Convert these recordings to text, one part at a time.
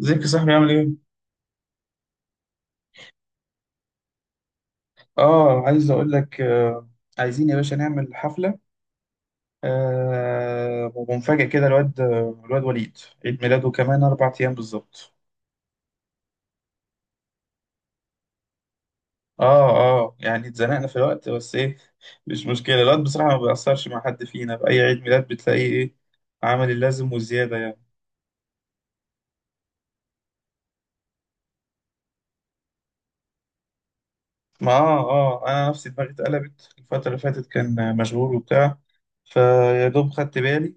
ازيك يا صاحبي عامل ايه؟ اه عايز اقول لك عايزين يا باشا نعمل حفلة. ومفاجأة كده الواد الواد وليد، عيد ميلاده كمان أربع أيام بالظبط. اه يعني اتزنقنا في الوقت، بس ايه، مش مشكلة. الواد بصراحة ما بيأثرش مع حد فينا، في أي عيد ميلاد بتلاقيه ايه، عمل اللازم وزيادة يعني. ما اه اه أنا نفسي دماغي اتقلبت، الفترة اللي فاتت كان مشغول وبتاع، فيا دوب خدت بالي.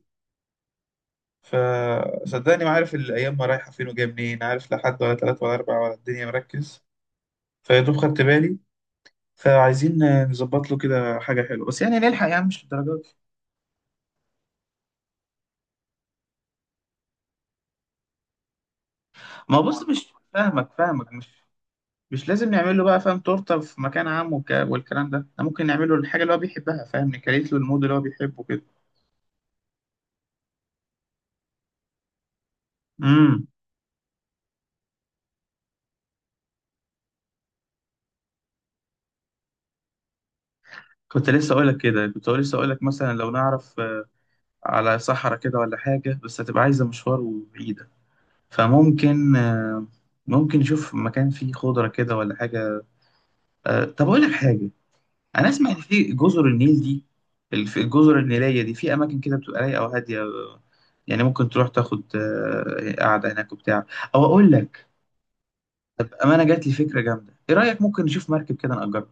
فصدقني ما عارف الأيام ما رايحة فين وجاية منين، عارف، لا حد ولا تلاتة ولا أربعة ولا الدنيا مركز، فيا دوب خدت بالي. فعايزين نظبط له كده حاجة حلوة، بس يعني نلحق، يعني مش للدرجة دي. ما هو بص، مش فاهمك فاهمك. مش لازم نعمل له بقى، فاهم، تورتة في مكان عام والكلام ده. احنا ممكن نعمل له الحاجة اللي هو بيحبها، فاهم، نكريت له المود اللي هو بيحبه كده. امم كنت لسه أقولك كده، كنت لسه أقولك مثلا لو نعرف على صحراء كده ولا حاجة، بس هتبقى عايزة مشوار وبعيدة. فممكن، ممكن نشوف مكان فيه خضرة كده ولا حاجة. طب أقول لك حاجة، أنا أسمع إن في جزر النيل دي، الجزر النيلية دي في أماكن كده بتبقى رايقة وهادية، يعني ممكن تروح تاخد قعدة هناك وبتاع. أو أقول لك، طب أمانة جات لي فكرة جامدة، إيه رأيك ممكن نشوف مركب كده نأجرها؟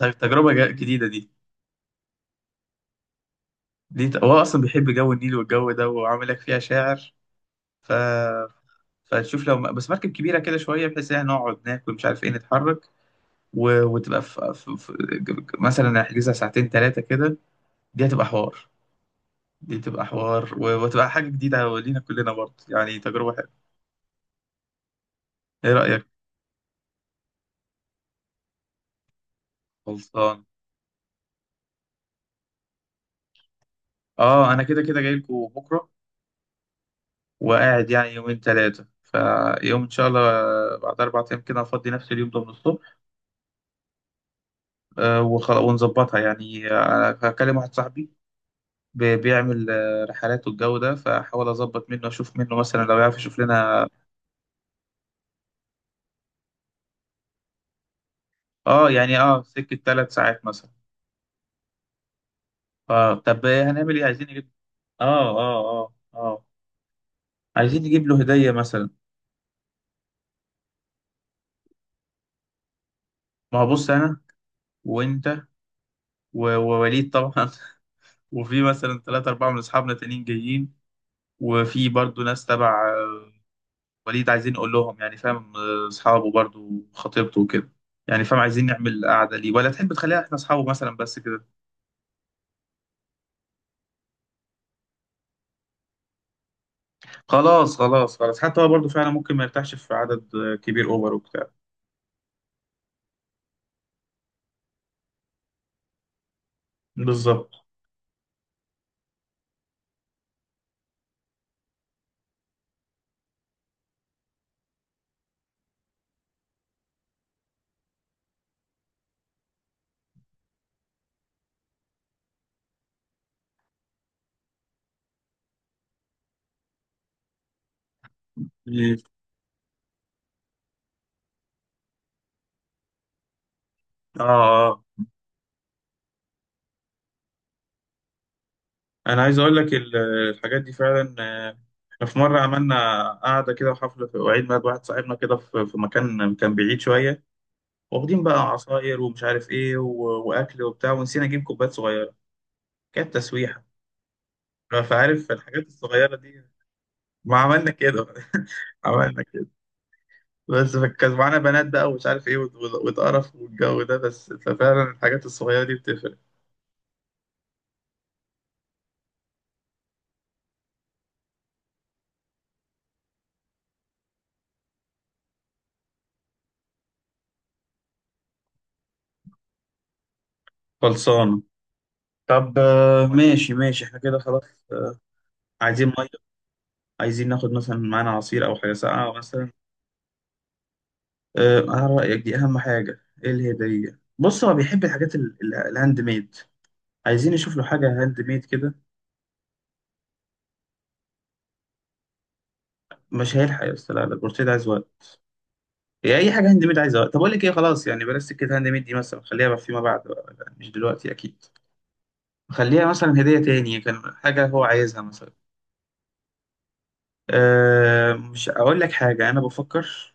طيب، تجربة جديدة دي. هو أصلا بيحب جو النيل والجو ده، وعامل لك فيها شاعر. ف... فتشوف لو بس مركب كبيرة كده شوية، بحيث يعني نقعد ناكل مش عارف إيه، نتحرك، وتبقى مثلا احجزها ساعتين ثلاثة كده، دي هتبقى حوار. دي تبقى حوار، وتبقى حاجة جديدة لينا كلنا برضه، يعني تجربة حلوة. ايه رأيك؟ خلصان. اه انا كده كده جاي لكم بكرة، وقاعد يعني يومين ثلاثة، فيوم ان شاء الله بعد اربع ايام كده هفضي، نفس اليوم ده من الصبح. ونظبطها يعني، هكلم واحد صاحبي بيعمل رحلات والجو ده، فحاول اظبط منه، اشوف منه مثلا لو يعرف يشوف لنا. سكة ثلاث ساعات مثلا. اه طب هنعمل ايه، عايزين نجيب، اه اه اه اه عايزين نجيب له هدية مثلا. ما هو بص انا، وانت، ووليد طبعا، وفي مثلا ثلاثة أربعة من أصحابنا تانيين جايين، وفي برضو ناس تبع وليد، عايزين نقول لهم يعني، فاهم، أصحابه برضو خطيبته وكده، يعني فاهم، عايزين نعمل قعدة ليه، ولا تحب تخليها احنا أصحابه مثلا بس كده؟ خلاص خلاص خلاص، حتى هو برضو فعلا ممكن ما يرتاحش في عدد كبير أوفر وبتاع. بالظبط. مم. اه انا عايز اقول لك الحاجات دي فعلا، احنا في مره عملنا قعده كده وحفله في وعيد ميلاد واحد صاحبنا كده، في مكان كان بعيد شويه، واخدين بقى عصاير ومش عارف ايه واكل وبتاع، ونسينا نجيب كوبايات صغيره، كانت تسويحه. فعارف الحاجات الصغيره دي، ما عملنا كده. عملنا كده، بس كان معانا بنات بقى ومش عارف ايه واتقرف والجو ده، بس ففعلا الحاجات الصغيره دي بتفرق. خلصانه. طب ماشي ماشي، احنا كده خلاص. آه، عايزين عايزين ناخد مثلا معانا عصير او حاجه ساقعه مثلا. انا رايك دي اهم حاجه، ايه الهديه، بص هو بيحب الحاجات الهاند ميد، عايزين نشوف له حاجه هاند ميد كده. مش هيلحق يا اسطى، لا لا، البورتيه ده عايز وقت، هي اي حاجه هاند ميد عايز وقت. طب اقول لك ايه، خلاص يعني بلاش سكه هاند ميد دي، مثلا خليها بقى فيما بعد بقى، لا، مش دلوقتي اكيد. خليها مثلا هديه تاني، كان حاجه هو عايزها مثلا. أه مش اقول لك حاجه، انا بفكر،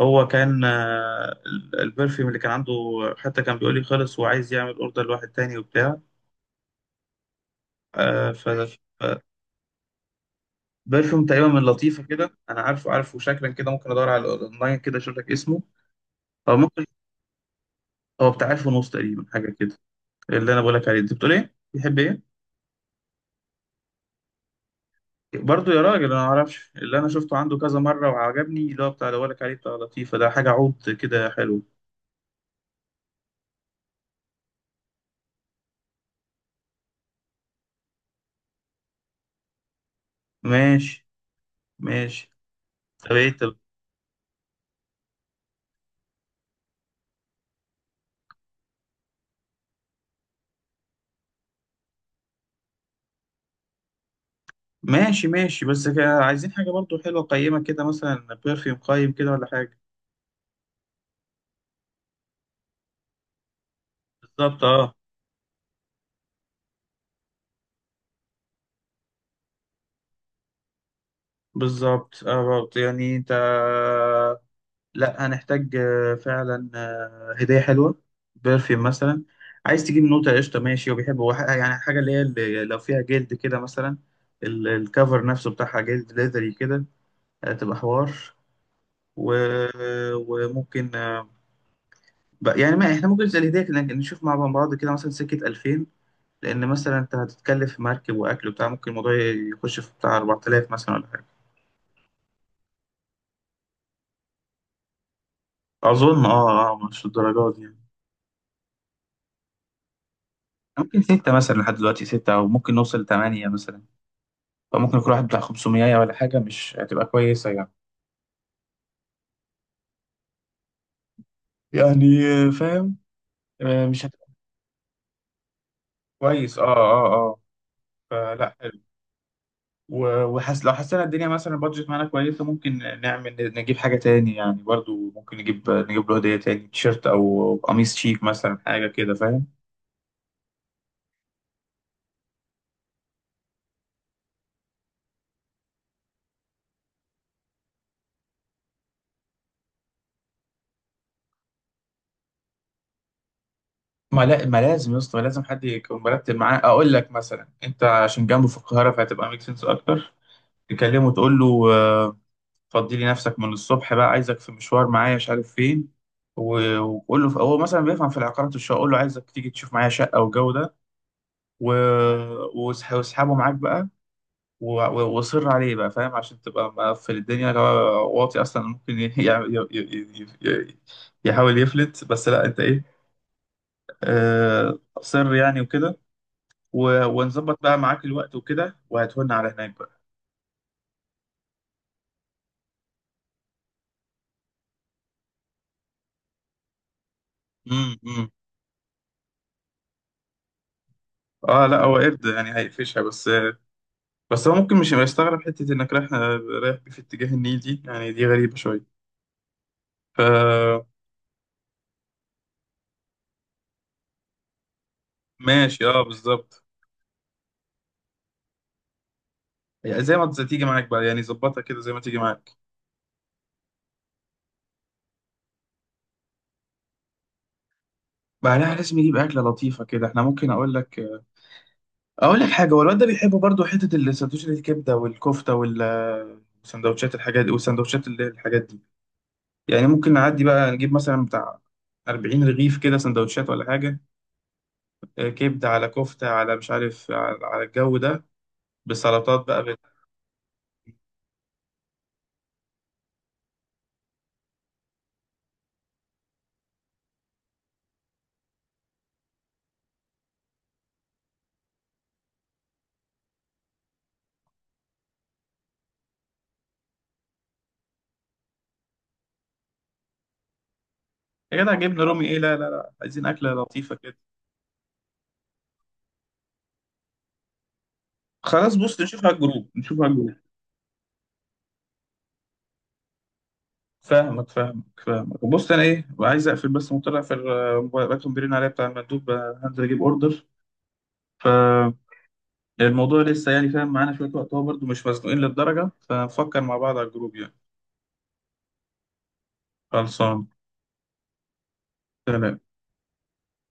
هو كان البرفيوم اللي كان عنده، حتى كان بيقول لي خلص وعايز يعمل اوردر لواحد تاني وبتاع، آه، ف- ف- برفيوم تقريبا من لطيفة كده، أنا عارفه، عارفه شكلا كده، ممكن أدور على الأونلاين كده أشوف لك اسمه. أو ممكن، هو بتاع ألف ونص تقريبا حاجة كده اللي أنا بقول لك عليه، أنت بتقول إيه؟ بيحب إيه؟ برضه يا راجل أنا ما أعرفش، اللي أنا شفته عنده كذا مرة وعجبني اللي هو بتاع، اللي بقول لك عليه بتاع لطيفة ده، حاجة عود كده حلو. ماشي ماشي. طب إيه، طب ماشي ماشي، بس كده عايزين حاجة برضه حلوة قيمة كده، مثلا برفيوم قيم كده ولا حاجة. بالظبط أه، بالظبط اه بالظبط يعني انت، لا هنحتاج فعلا هدية حلوة، برفيوم مثلا. عايز تجيب نوتة قشطة ماشي، وبيحب هو يعني حاجة اللي هي اللي لو فيها جلد كده مثلا، الكفر نفسه بتاعها جلد ليذري كده، هتبقى حوار. و... وممكن يعني ما احنا ممكن زي الهدية كده نشوف مع بعض، كده مثلا سكة 2000، لأن مثلا أنت هتتكلف في مركب وأكل وبتاع، ممكن الموضوع يخش في بتاع 4000 مثلا ولا حاجة. أظن أه أه، مش الدرجات دي يعني. ممكن ستة مثلا لحد دلوقتي ستة، أو ممكن نوصل لتمانية مثلا، فممكن يكون واحد بتاع 500 ولا حاجة، مش هتبقى كويسة يعني. يعني فاهم، مش هتبقى كويس. اه فلا حلو. وحس، لو حسينا الدنيا مثلا البادجت معانا كويسة، ممكن نعمل نجيب حاجة تاني يعني، برضو ممكن نجيب له هدية تاني، تيشيرت أو قميص شيك مثلا حاجة كده فاهم. ما لا ما لازم يا اسطى، ما لازم حد يكون مرتب معاه. أقول لك مثلا أنت عشان جنبه في القاهرة، فهتبقى ميك سنس أكتر. تكلمه تقول له: فضي لي نفسك من الصبح بقى، عايزك في مشوار معايا مش عارف فين، وقول له، هو مثلا بيفهم في العقارات والشقه، قول له عايزك تيجي تشوف معايا شقه والجو ده، و... واسحبه معاك بقى، واصر عليه بقى فاهم، عشان تبقى مقفل الدنيا، لو هو واطي اصلا ممكن ي... يع- ي... ي... ي... ي... يحاول يفلت، بس لا انت ايه، صر يعني وكده، ونظبط بقى معاك الوقت وكده، وهتهون على هناك بقى. امم اه لا، هو قرد يعني هيقفشها بس. بس هو ممكن مش هيبقى يستغرب حتة إنك رايح، رايح في اتجاه النيل دي، يعني دي غريبة شوية، ف ماشي اه بالظبط. يعني زي ما، زي تيجي معاك بقى، يعني ظبطها كده زي ما تيجي معاك. بعدها لازم يجيب أكلة لطيفة كده، احنا ممكن أقول لك، حاجة، هو الواد ده بيحب برضو حتة السندوتشات، الكبدة والكفتة وسندوتشات الحاجات دي، وسندوتشات اللي هي الحاجات دي، يعني ممكن نعدي بقى نجيب مثلا بتاع 40 رغيف كده سندوتشات ولا حاجة، كبدة على كفتة على مش عارف على، على الجو ده بسلطات بقى. يا جدع جبنه رومي ايه، لا لا لا، عايزين اكله لطيفه كده. خلاص بص، نشوف على الجروب، فاهمك فاهمك فاهمك. بص انا ايه، عايز اقفل بس مطلع في الموبايل، بكتب بيرن عليا بتاع المندوب، هنزل اجيب اوردر، فالموضوع لسه يعني فاهم، معانا شويه وقت، هو برضه مش مزنوقين للدرجه، فنفكر مع بعض على الجروب يعني. خلصان. سلام.